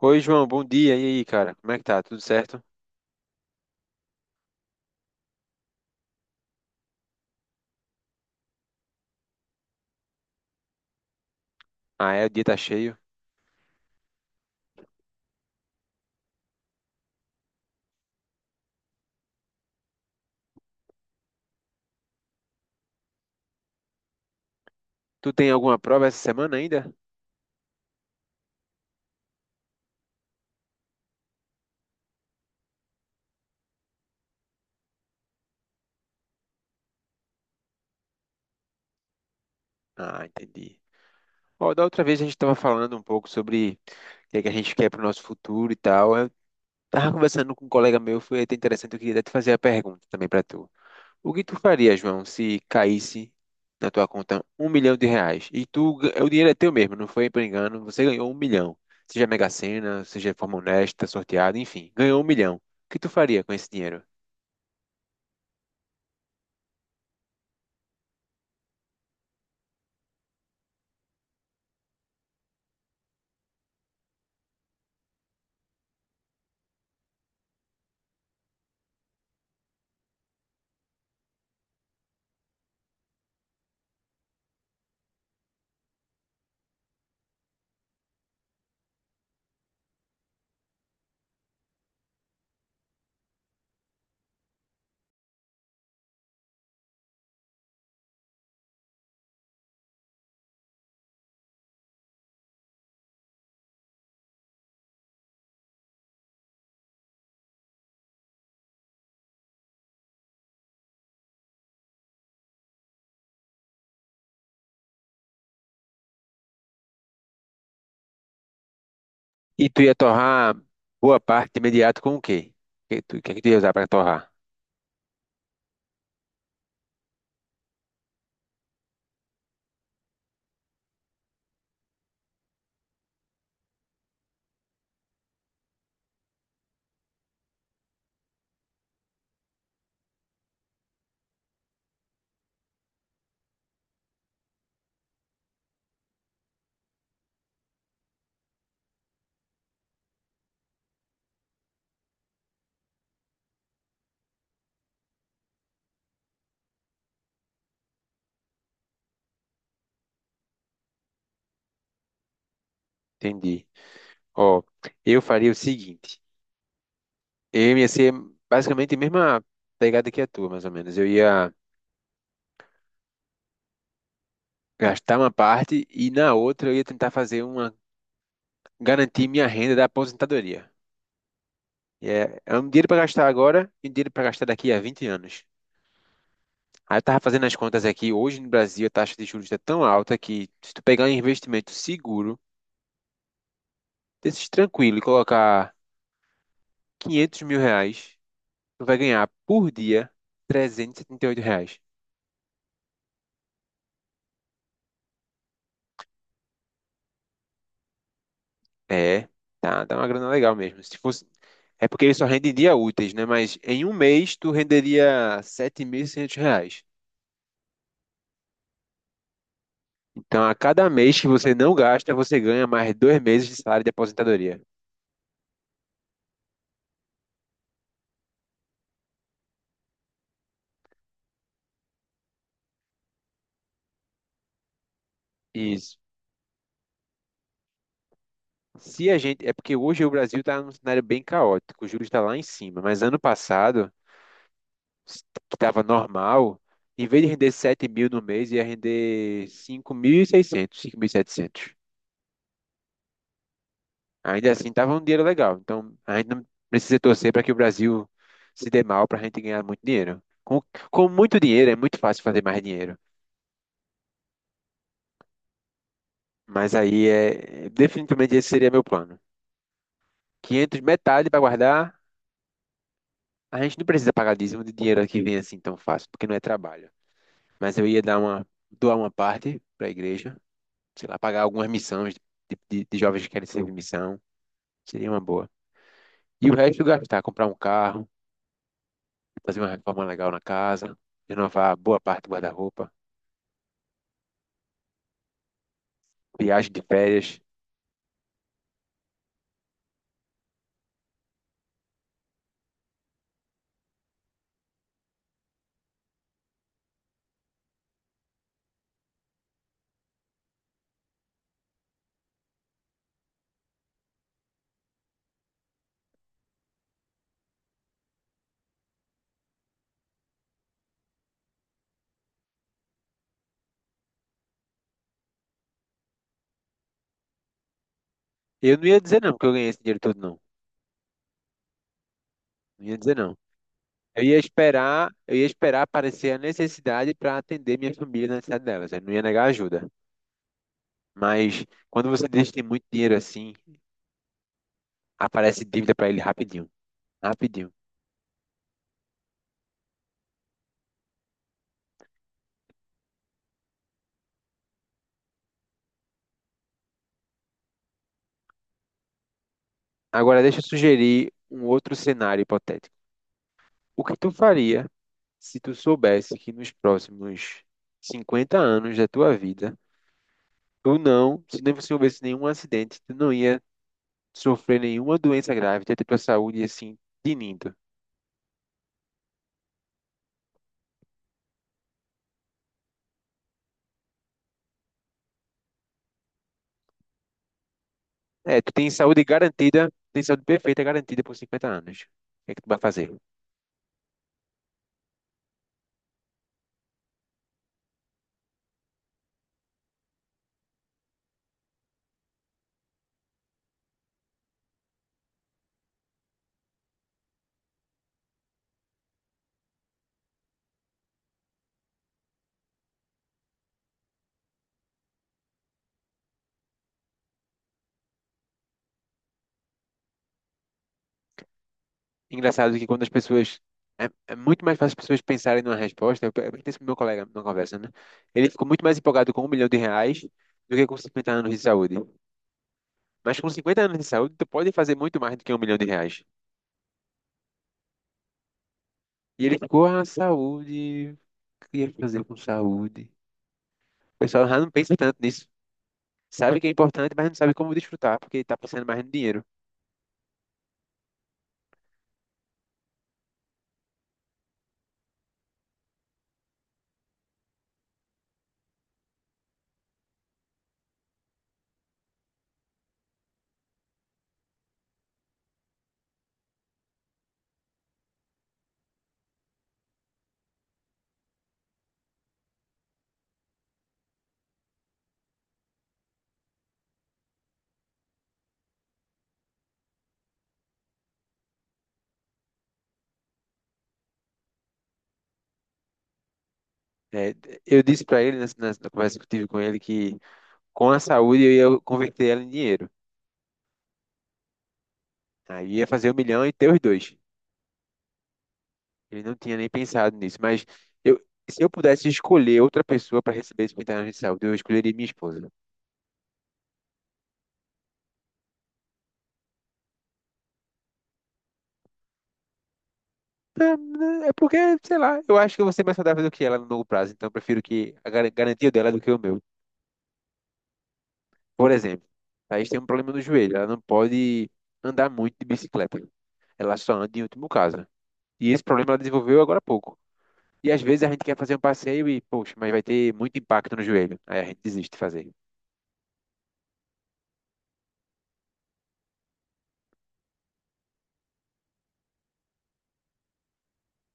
Oi, João, bom dia. E aí, cara? Como é que tá? Tudo certo? Ah, é, o dia tá cheio. Tu tem alguma prova essa semana ainda? Ah, entendi. Ó, da outra vez a gente tava falando um pouco sobre o que é que a gente quer pro nosso futuro e tal. Eu tava conversando com um colega meu, foi até interessante, eu queria até te fazer a pergunta também pra tu. O que tu faria, João, se caísse na tua conta um milhão de reais? E tu, o dinheiro é teu mesmo, não foi por engano, você ganhou um milhão. Seja Mega Sena, seja de forma honesta, sorteado, enfim, ganhou um milhão. O que tu faria com esse dinheiro? E tu ia torrar boa parte imediato com o quê? O que tu, o que é que tu ia usar para torrar? Entendi. Ó, eu faria o seguinte. Eu ia ser basicamente a mesma pegada que a tua, mais ou menos. Eu ia gastar uma parte e na outra eu ia tentar fazer uma... Garantir minha renda da aposentadoria. E é um dinheiro para gastar agora e um dinheiro para gastar daqui a 20 anos. Aí eu tava fazendo as contas aqui. Hoje no Brasil a taxa de juros está tão alta que se tu pegar um investimento seguro, desses tranquilo e colocar 500 mil reais tu vai ganhar por dia trezentos e setenta e oito reais. É, tá, dá uma grana legal mesmo. Se fosse, é porque ele só rende em dia úteis, né? Mas em um mês tu renderia R$ 7.600. Então, a cada mês que você não gasta, você ganha mais dois meses de salário de aposentadoria. Isso. Se a gente, é porque hoje o Brasil está num cenário bem caótico, o juros está lá em cima, mas ano passado, s- que estava normal, em vez de render 7 mil no mês, ia render cinco mil e setecentos. Ainda assim, tava um dinheiro legal. Então, a gente não precisa torcer para que o Brasil se dê mal para a gente ganhar muito dinheiro. Com muito dinheiro, é muito fácil fazer mais dinheiro. Mas aí, é, definitivamente, esse seria meu plano. 500, metade para guardar. A gente não precisa pagar dízimo de dinheiro que vem assim tão fácil, porque não é trabalho. Mas eu ia dar uma, doar uma parte para a igreja, sei lá, pagar algumas missões de, de jovens que querem servir missão. Seria uma boa. E o resto gastar, comprar um carro, fazer uma reforma legal na casa, renovar boa parte do guarda-roupa, viagem de férias. Eu não ia dizer não que eu ganhei esse dinheiro todo, não. Não ia dizer não. Eu ia esperar aparecer a necessidade para atender minha família na necessidade delas. Eu não ia negar ajuda. Mas quando você deixa tem muito dinheiro assim, aparece dívida para ele rapidinho, rapidinho. Agora deixa eu sugerir um outro cenário hipotético. O que tu faria se tu soubesse que nos próximos 50 anos da tua vida? Tu não, se não você houvesse nenhum acidente, tu não ia sofrer nenhuma doença grave, tu ia ter tua saúde assim, tinindo. É, tu tem saúde garantida, tem saúde perfeita garantida por 50 anos. O que é que tu vai fazer? Engraçado que quando as pessoas. É, é muito mais fácil as pessoas pensarem numa resposta. Eu pensei pro meu colega numa conversa, né? Ele ficou muito mais empolgado com um milhão de reais do que com 50 anos de saúde. Mas com 50 anos de saúde, tu pode fazer muito mais do que um milhão de reais. E ele ficou, ah, saúde, o que eu ia fazer com saúde? O pessoal já não pensa tanto nisso. Sabe que é importante, mas não sabe como desfrutar, porque está pensando mais no dinheiro. É, eu disse para ele, nessa, na conversa que eu tive com ele, que com a saúde eu ia converter ela em dinheiro. Aí ia fazer um milhão e ter os dois. Ele não tinha nem pensado nisso, mas eu, se eu pudesse escolher outra pessoa para receber esse milhão de saúde, eu escolheria minha esposa. É porque, sei lá, eu acho que eu vou ser mais saudável do que ela no longo prazo, então eu prefiro que a garantia dela é do que o meu. Por exemplo, a Thaís tem um problema no joelho, ela não pode andar muito de bicicleta. Ela só anda em último caso. E esse problema ela desenvolveu agora há pouco. E às vezes a gente quer fazer um passeio e, poxa, mas vai ter muito impacto no joelho. Aí a gente desiste de fazer.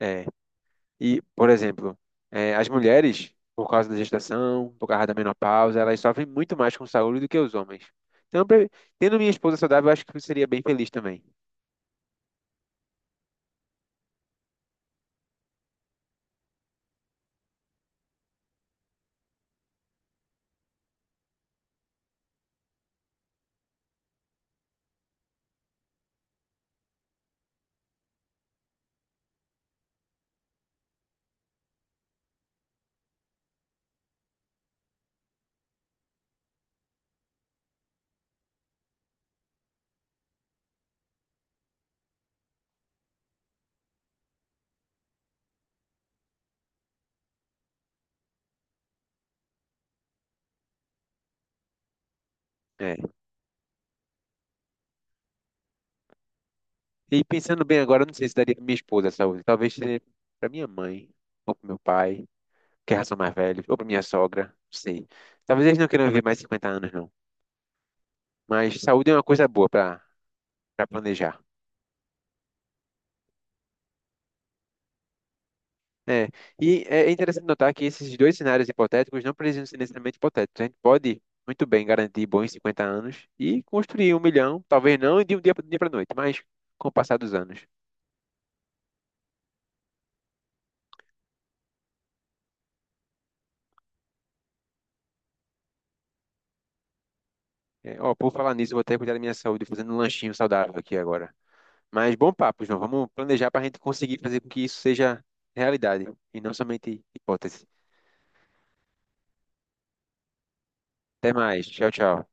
É. E, por exemplo, é, as mulheres, por causa da gestação, por causa da menopausa, elas sofrem muito mais com saúde do que os homens. Então, tendo minha esposa saudável, eu acho que eu seria bem feliz também. É. E pensando bem agora, eu não sei se daria pra minha esposa a saúde. Talvez seria pra minha mãe, ou para meu pai, que já são mais velhos, ou para minha sogra, não sei. Talvez eles não queiram viver mais 50 anos, não. Mas saúde é uma coisa boa para planejar. É. E é interessante notar que esses dois cenários hipotéticos não precisam ser necessariamente hipotéticos. A gente pode muito bem garantir bons 50 anos e construir um milhão, talvez não de um dia para noite, mas com o passar dos anos. É, ó, por falar nisso, eu vou até cuidar da minha saúde fazendo um lanchinho saudável aqui agora. Mas bom papo, João. Vamos planejar para a gente conseguir fazer com que isso seja realidade e não somente hipótese. Até mais. Tchau, tchau.